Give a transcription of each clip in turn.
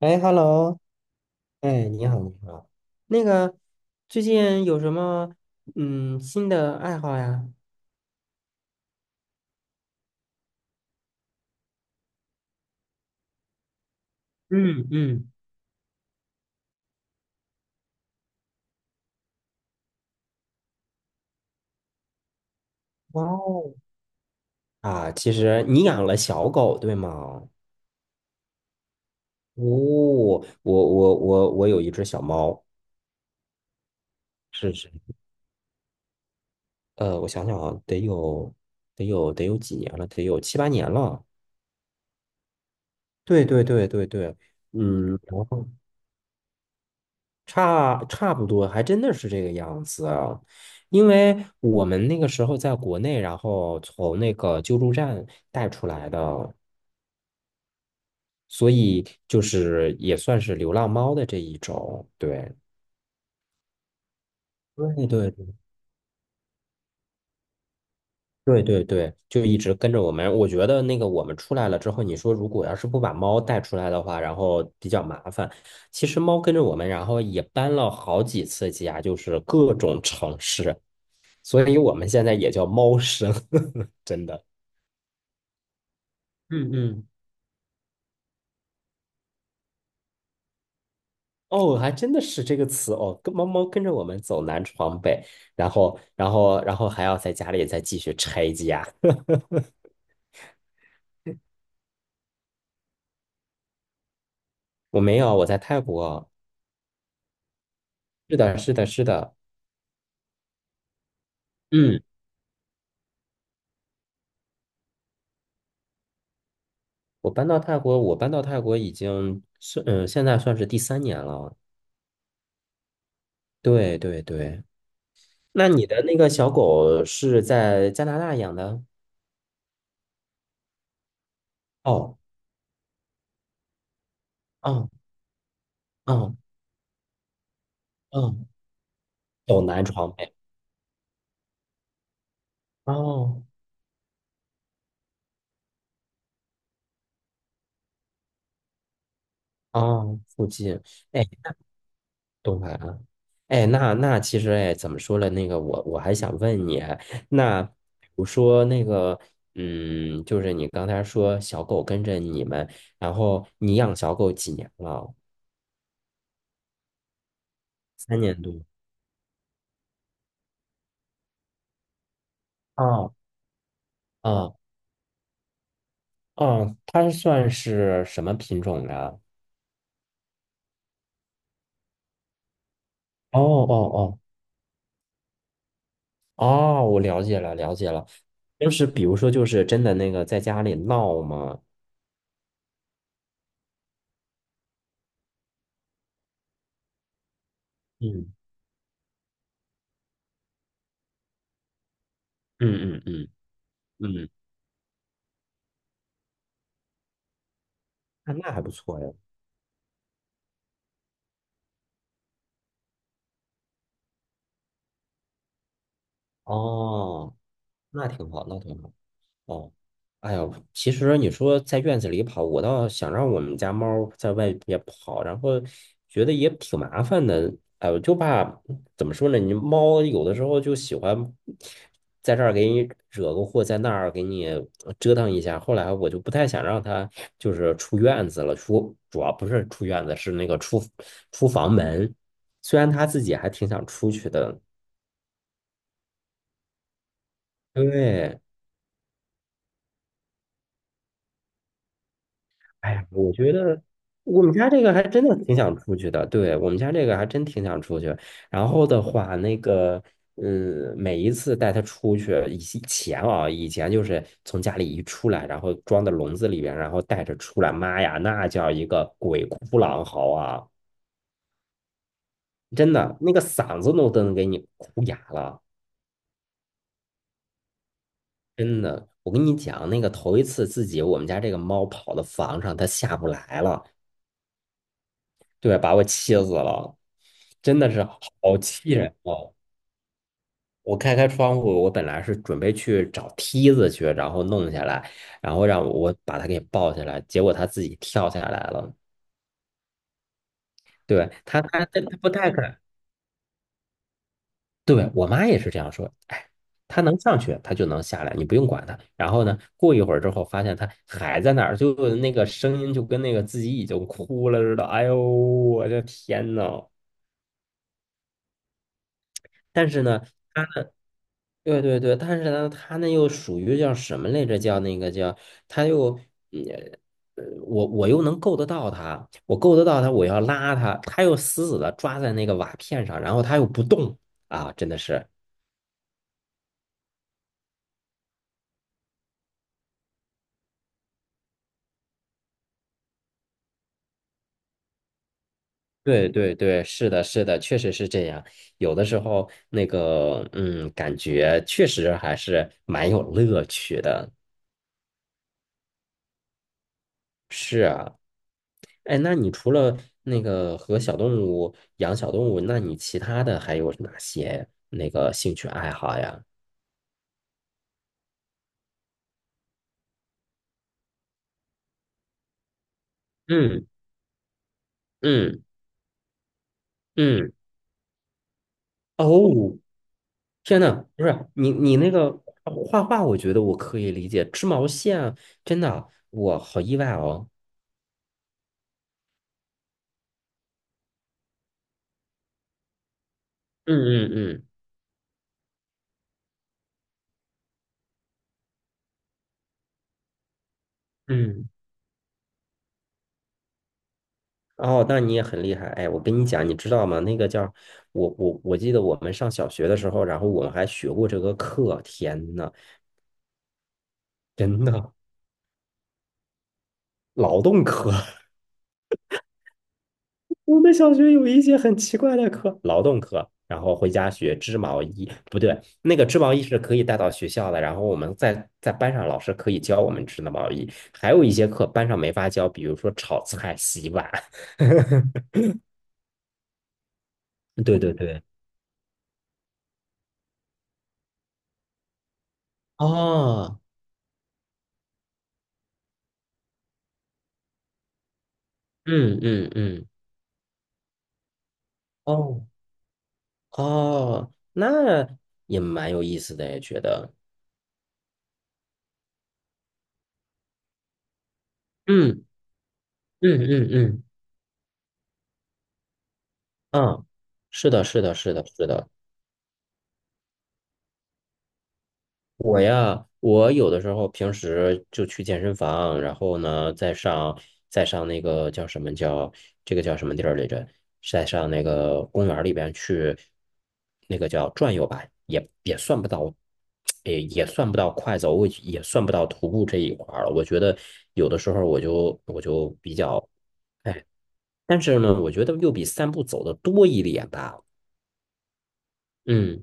哎，hello，哎，你好，你好。那个，最近有什么新的爱好呀？嗯嗯。哇哦！啊，其实你养了小狗，对吗？哦，我有一只小猫。是是。我想想啊，得有几年了，得有七八年了。对对对对对。嗯，然后。差不多，还真的是这个样子啊。因为我们那个时候在国内，然后从那个救助站带出来的，所以就是也算是流浪猫的这一种。对。对对对对对，就一直跟着我们。我觉得那个我们出来了之后，你说如果要是不把猫带出来的话，然后比较麻烦。其实猫跟着我们，然后也搬了好几次家，就是各种城市。所以我们现在也叫猫生，真的。嗯嗯。哦，还真的是这个词哦，跟猫猫跟着我们走南闯北，然后还要在家里再继续拆家。我没有，我在泰国。是的，是的，是的。嗯，我搬到泰国已经是现在算是第三年了。对对对。那你的那个小狗是在加拿大养的？哦哦哦哦，走南闯北。哦哦，附近。哎，东海啊。哎，那那其实，哎，怎么说了？那个我还想问你，那比如说那个，就是你刚才说小狗跟着你们，然后你养小狗几年了？三年多。哦哦哦，它算是什么品种的？哦哦哦哦，我了解了，就是比如说就是真的那个在家里闹吗？嗯嗯嗯嗯嗯。那还不错呀。哦，那挺好，那挺好。哦，哎呦，其实你说在院子里跑，我倒想让我们家猫在外边跑，然后觉得也挺麻烦的。哎，我就怕怎么说呢？你猫有的时候就喜欢在这儿给你惹个祸，在那儿给你折腾一下。后来我就不太想让它就是出院子了，主要不是出院子，是那个出房门。虽然它自己还挺想出去的。对。哎呀，我觉得我们家这个还真的挺想出去的，对，我们家这个还真挺想出去。然后的话，那个，每一次带它出去，以前就是从家里一出来，然后装到笼子里边，然后带着出来，妈呀，那叫一个鬼哭狼嚎啊！真的，那个嗓子都能给你哭哑了。真的，我跟你讲，那个头一次自己我们家这个猫跑到房上，它下不来了。对，把我气死了。真的是好气人哦！我开开窗户，我本来是准备去找梯子去，然后弄下来，然后让我把他给抱下来，结果他自己跳下来了。对，他不太敢。对，我妈也是这样说，哎，他能上去，他就能下来，你不用管他。然后呢，过一会儿之后，发现他还在那儿，就那个声音就跟那个自己已经哭了似的。哎呦，我的天呐！但是呢。对对对，但是呢，他那又属于叫什么来着？叫那个叫，他又，嗯我又能够得到他，我够得到他，我要拉他，他又死死的抓在那个瓦片上，然后他又不动啊，真的是，对对对，是的，是的，确实是这样。有的时候那个，感觉确实还是蛮有乐趣的。是啊。哎，那你除了那个和小动物养小动物，那你其他的还有哪些那个兴趣爱好呀？嗯嗯嗯。哦，天呐，不是你那个画画，我觉得我可以理解，织毛线啊，真的，我好意外哦。嗯嗯嗯嗯。哦，那你也很厉害。哎，我跟你讲，你知道吗？那个叫我记得我们上小学的时候，然后我们还学过这个课。天呐，真的劳动课。我们小学有一节很奇怪的课，劳动课，然后回家学织毛衣，不对，那个织毛衣是可以带到学校的，然后我们在班上老师可以教我们织的毛衣，还有一些课班上没法教，比如说炒菜、洗碗。对对对。哦。嗯嗯嗯。哦哦，那也蛮有意思的，也觉得，嗯嗯嗯嗯嗯，是的，是的，是的，是的。我呀，我有的时候平时就去健身房，然后呢，再上那个叫什么叫这个叫什么地儿来着？再上那个公园儿里边去，那个叫转悠吧，也算不到，也算不到快走，我也算不到徒步这一块儿了。我觉得有的时候我就比较哎，但是呢，我觉得又比散步走的多一点吧。嗯。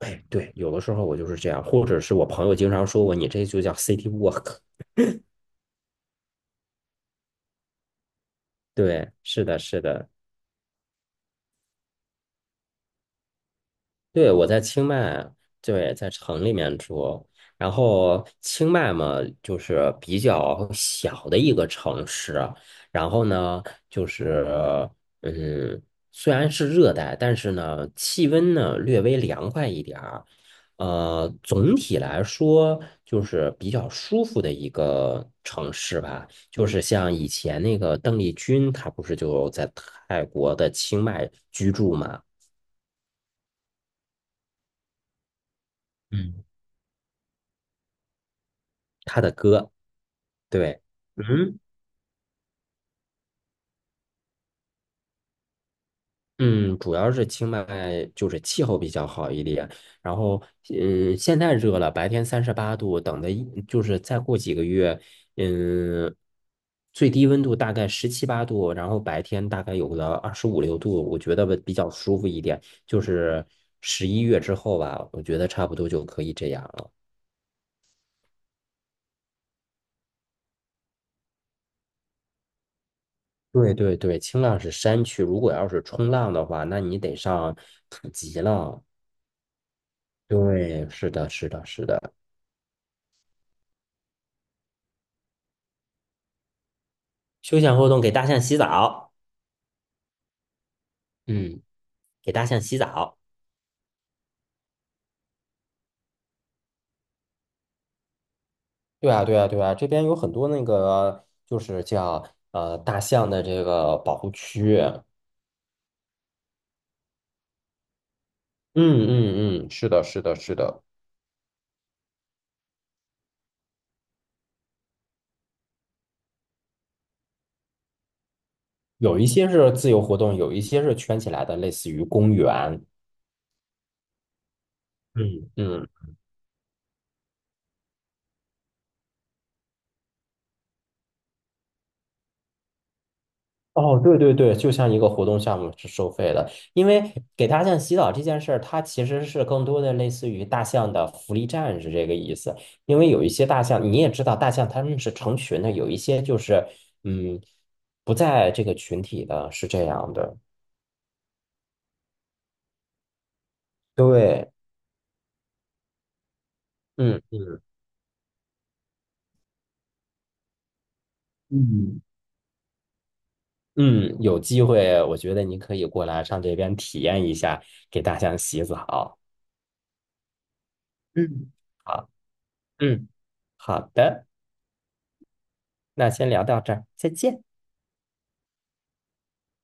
哎，对，有的时候我就是这样，或者是我朋友经常说我，你这就叫 city walk。对，是的，是的。对，我在清迈。对，在城里面住。然后清迈嘛，就是比较小的一个城市。然后呢，就是嗯，虽然是热带，但是呢，气温呢略微凉快一点儿。总体来说就是比较舒服的一个城市吧。就是像以前那个邓丽君，她不是就在泰国的清迈居住嘛？嗯，她的歌。对。嗯嗯，主要是清迈就是气候比较好一点，然后现在热了，白天38度，等的就是再过几个月，嗯，最低温度大概十七八度，然后白天大概有个二十五六度，我觉得比较舒服一点，就是11月之后吧，我觉得差不多就可以这样了。对对对，清浪是山区，如果要是冲浪的话，那你得上普吉了。对，是的，是的，是的。休闲活动给大象洗澡。嗯。给大象洗澡。对啊，对啊，对啊，这边有很多那个，就是叫大象的这个保护区。嗯嗯嗯，是的，是的，是的，有一些是自由活动，有一些是圈起来的，类似于公园。嗯。嗯。哦，对对对，就像一个活动项目是收费的，因为给大象洗澡这件事儿，它其实是更多的类似于大象的福利站是这个意思。因为有一些大象，你也知道，大象它们是成群的，有一些就是嗯不在这个群体的，是这样的。对。嗯嗯嗯嗯，有机会我觉得你可以过来上这边体验一下给大象洗澡。嗯，好，嗯，好的，那先聊到这儿，再见。